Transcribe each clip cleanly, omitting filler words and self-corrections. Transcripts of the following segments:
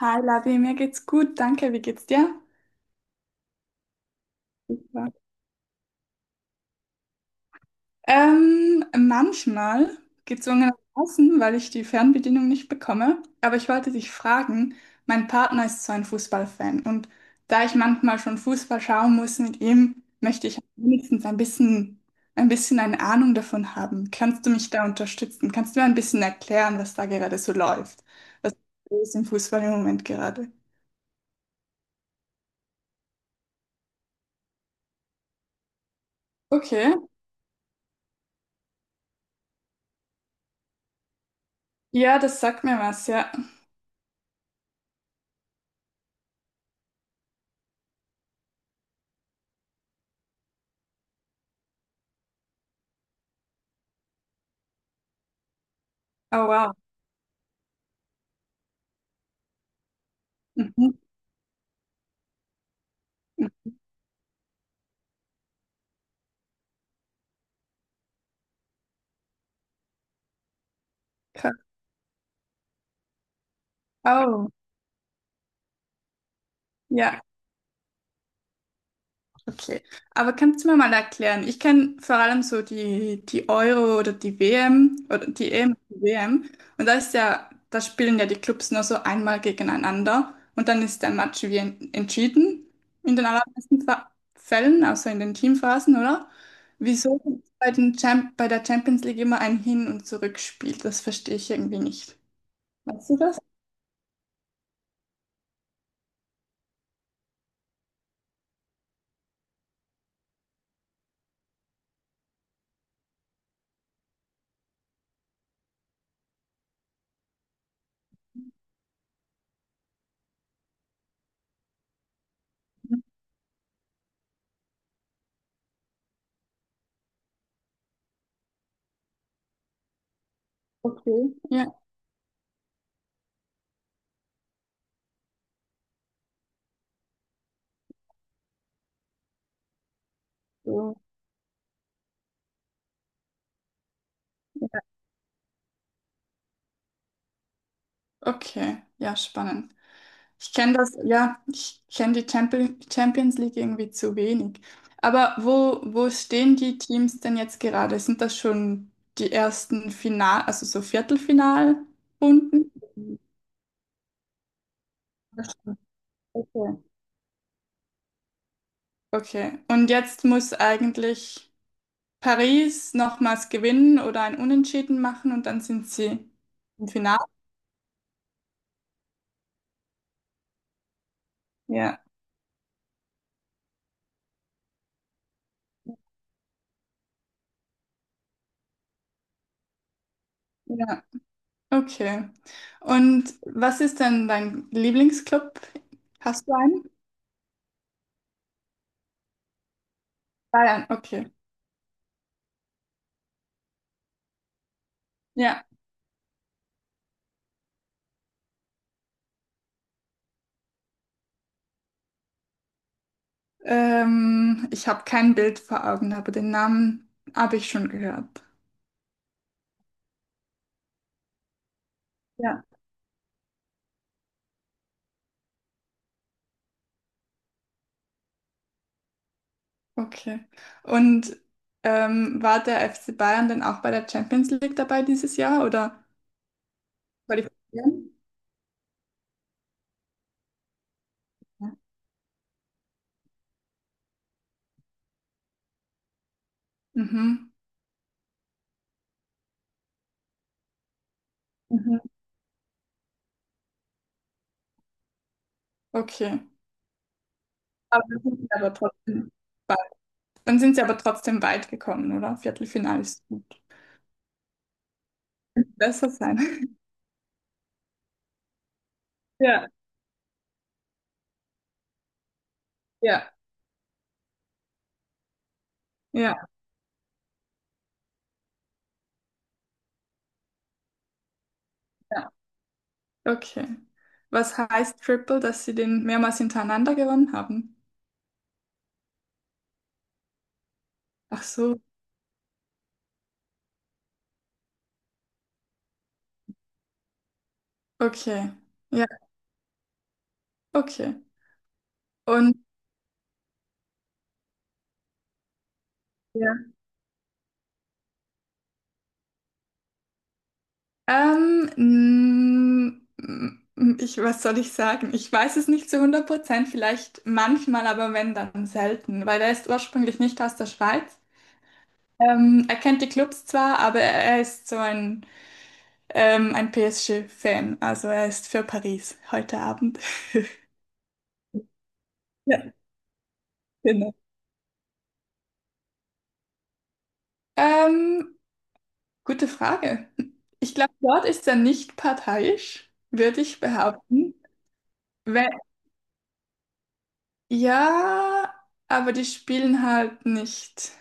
Hi Lavi, mir geht's gut, danke. Wie geht's dir? Super. Manchmal gezwungenermaßen, weil ich die Fernbedienung nicht bekomme. Aber ich wollte dich fragen, mein Partner ist so ein Fußballfan und da ich manchmal schon Fußball schauen muss mit ihm, möchte ich wenigstens ein bisschen eine Ahnung davon haben. Kannst du mich da unterstützen? Kannst du mir ein bisschen erklären, was da gerade so läuft? Was ist im Fußball im Moment gerade? Okay. Ja, das sagt mir was, ja. Oh wow. Mhm. Ka- Oh, ja, okay. Aber kannst du mir mal erklären? Ich kenne vor allem so die Euro oder die WM oder die EM, die WM. Und da ist ja, da spielen ja die Clubs nur so einmal gegeneinander und dann ist der Match entschieden in den allermeisten Fällen, außer in den Teamphasen, oder? Wieso gibt's bei der Champions League immer ein Hin- und Zurückspiel? Das verstehe ich irgendwie nicht. Weißt du das? Okay. Ja. So. Okay, ja, spannend. Ich kenne das, ja, ich kenne die Champions League irgendwie zu wenig. Aber wo stehen die Teams denn jetzt gerade? Sind das schon die ersten Final, also so Viertelfinalrunden? Das schon. Okay. Okay. Und jetzt muss eigentlich Paris nochmals gewinnen oder ein Unentschieden machen und dann sind sie im Finale. Ja, ja, okay. Und was ist denn dein Lieblingsclub? Hast du einen? Bayern, okay. Ja. Ich habe kein Bild vor Augen, aber den Namen habe ich schon gehört. Ja. Okay. Und war der FC Bayern denn auch bei der Champions League dabei dieses Jahr oder qualifizieren? Ja. Mhm. Mhm. Okay. Aber dann sind sie aber trotzdem weit. Dann sind sie aber trotzdem weit gekommen, oder? Viertelfinale ist gut. Besser sein. Ja, ja, ja, ja. Okay. Was heißt Triple, dass sie den mehrmals hintereinander gewonnen haben? Ach so, okay. Ja. Okay. Und ja. ähm, mm, ich, was soll ich sagen? Ich weiß es nicht zu 100%, vielleicht manchmal, aber wenn, dann selten, weil er ist ursprünglich nicht aus der Schweiz. Er kennt die Clubs zwar, aber er ist so ein PSG-Fan. Also er ist für Paris heute Abend. Ja, genau. Ähm, gute Frage. Ich glaube, dort ist er nicht parteiisch, würde ich behaupten. Ja, aber die spielen halt nicht.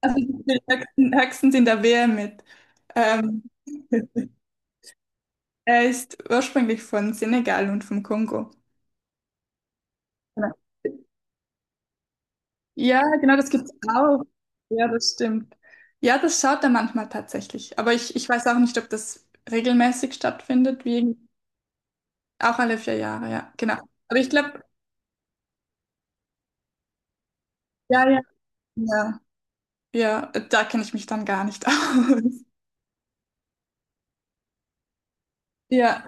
Also die spielen höchstens in der WM mit. Ähm, er ist ursprünglich von Senegal und vom Kongo. Genau. Ja, genau, das gibt's auch. Ja, das stimmt. Ja, das schaut er manchmal tatsächlich. Aber ich weiß auch nicht, ob das regelmäßig stattfindet, wie auch alle 4 Jahre, ja, genau. Aber ich glaube, ja, ja, ja, da kenne ich mich dann gar nicht aus. Ja,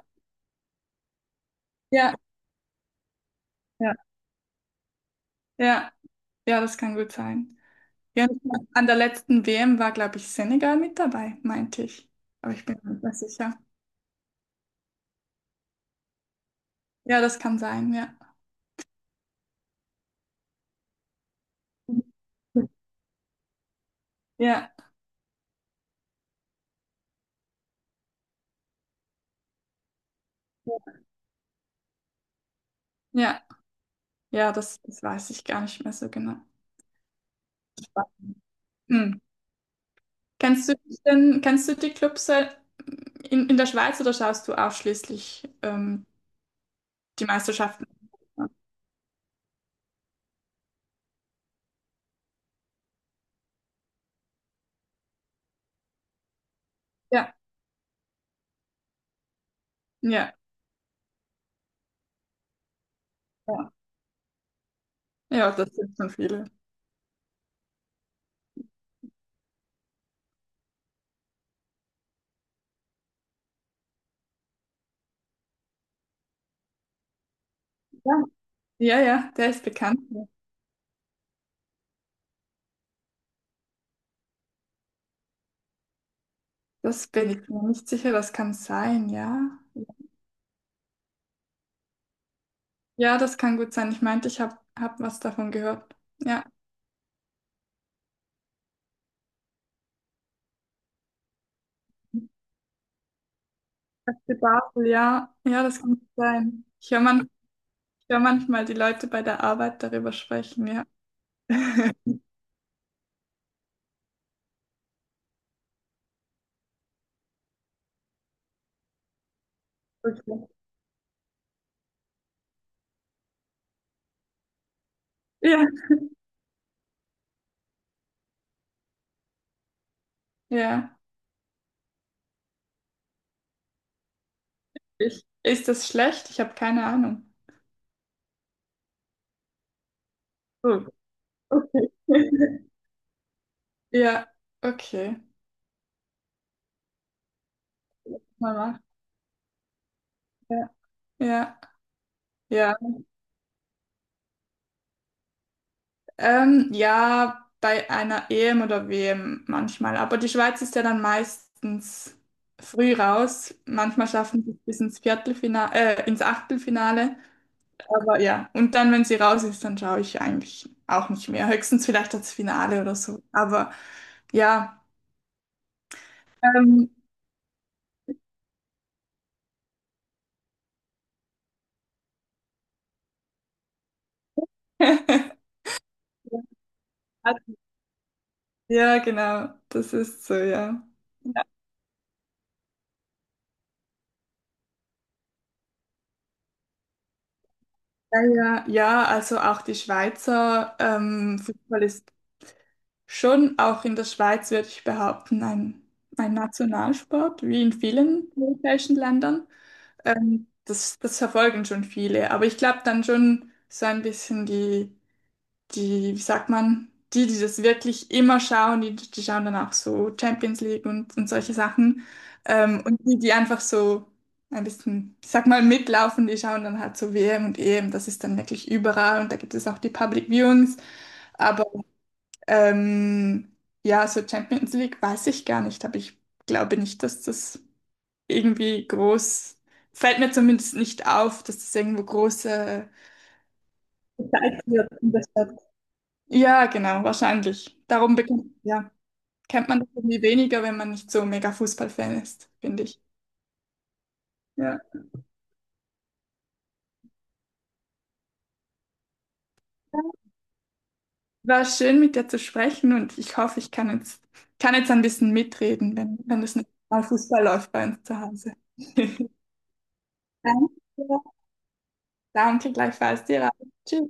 ja, ja, ja. Ja, das kann gut sein. Ja, an der letzten WM war, glaube ich, Senegal mit dabei, meinte ich. Aber ich bin mir nicht mehr sicher. Ja, das kann sein, ja. Ja, ja, ja, ja, das, das weiß ich gar nicht mehr so genau. Hm. Kennst du die Clubs in der Schweiz oder schaust du ausschließlich die Meisterschaften? Ja, ja, ja. Ja, das sind schon viele. Ja, ja, ja, der ist bekannt. Das bin ich mir nicht sicher, das kann sein, ja. Ja, das kann gut sein. Ich meinte, ich hab was davon gehört. Ja, FC Basel, ja. Ja, das kann gut sein. Ich hör manchmal die Leute bei der Arbeit darüber sprechen, ja. Okay. Ja, ja. Ich, ist das schlecht? Ich habe keine Ahnung. So, okay. Ja, okay. Mama. Ja, ja, ja. Ja, bei einer EM oder WM manchmal. Aber die Schweiz ist ja dann meistens früh raus. Manchmal schaffen sie es bis ins Viertelfinale, ins Achtelfinale. Aber ja, und dann, wenn sie raus ist, dann schaue ich eigentlich auch nicht mehr. Höchstens vielleicht das Finale oder so. Aber ja, ähm, ja, genau, das ist so, ja. Ja, also auch die Schweizer Fußball ist schon auch in der Schweiz würde ich behaupten, ein Nationalsport, wie in vielen europäischen Ländern. Das verfolgen schon viele, aber ich glaube dann schon so ein bisschen wie sagt man, die das wirklich immer schauen, die schauen dann auch so Champions League und solche Sachen. Und die einfach so ein bisschen, ich sag mal, mitlaufen, die schauen dann halt so WM und EM, das ist dann wirklich überall und da gibt es auch die Public Viewings. Aber ähm, ja, so Champions League weiß ich gar nicht, aber ich glaube nicht, dass das irgendwie groß, fällt mir zumindest nicht auf, dass das irgendwo große gezeigt wird und ja, genau, wahrscheinlich. Darum bekommt, ja, kennt man das irgendwie weniger, wenn man nicht so mega Fußballfan ist, finde ich. Ja. War schön, mit dir zu sprechen und ich hoffe, ich kann jetzt ein bisschen mitreden, wenn, wenn das nächste Mal Fußball läuft bei uns zu Hause. Danke. Danke, gleichfalls dir. Auch. Tschüss.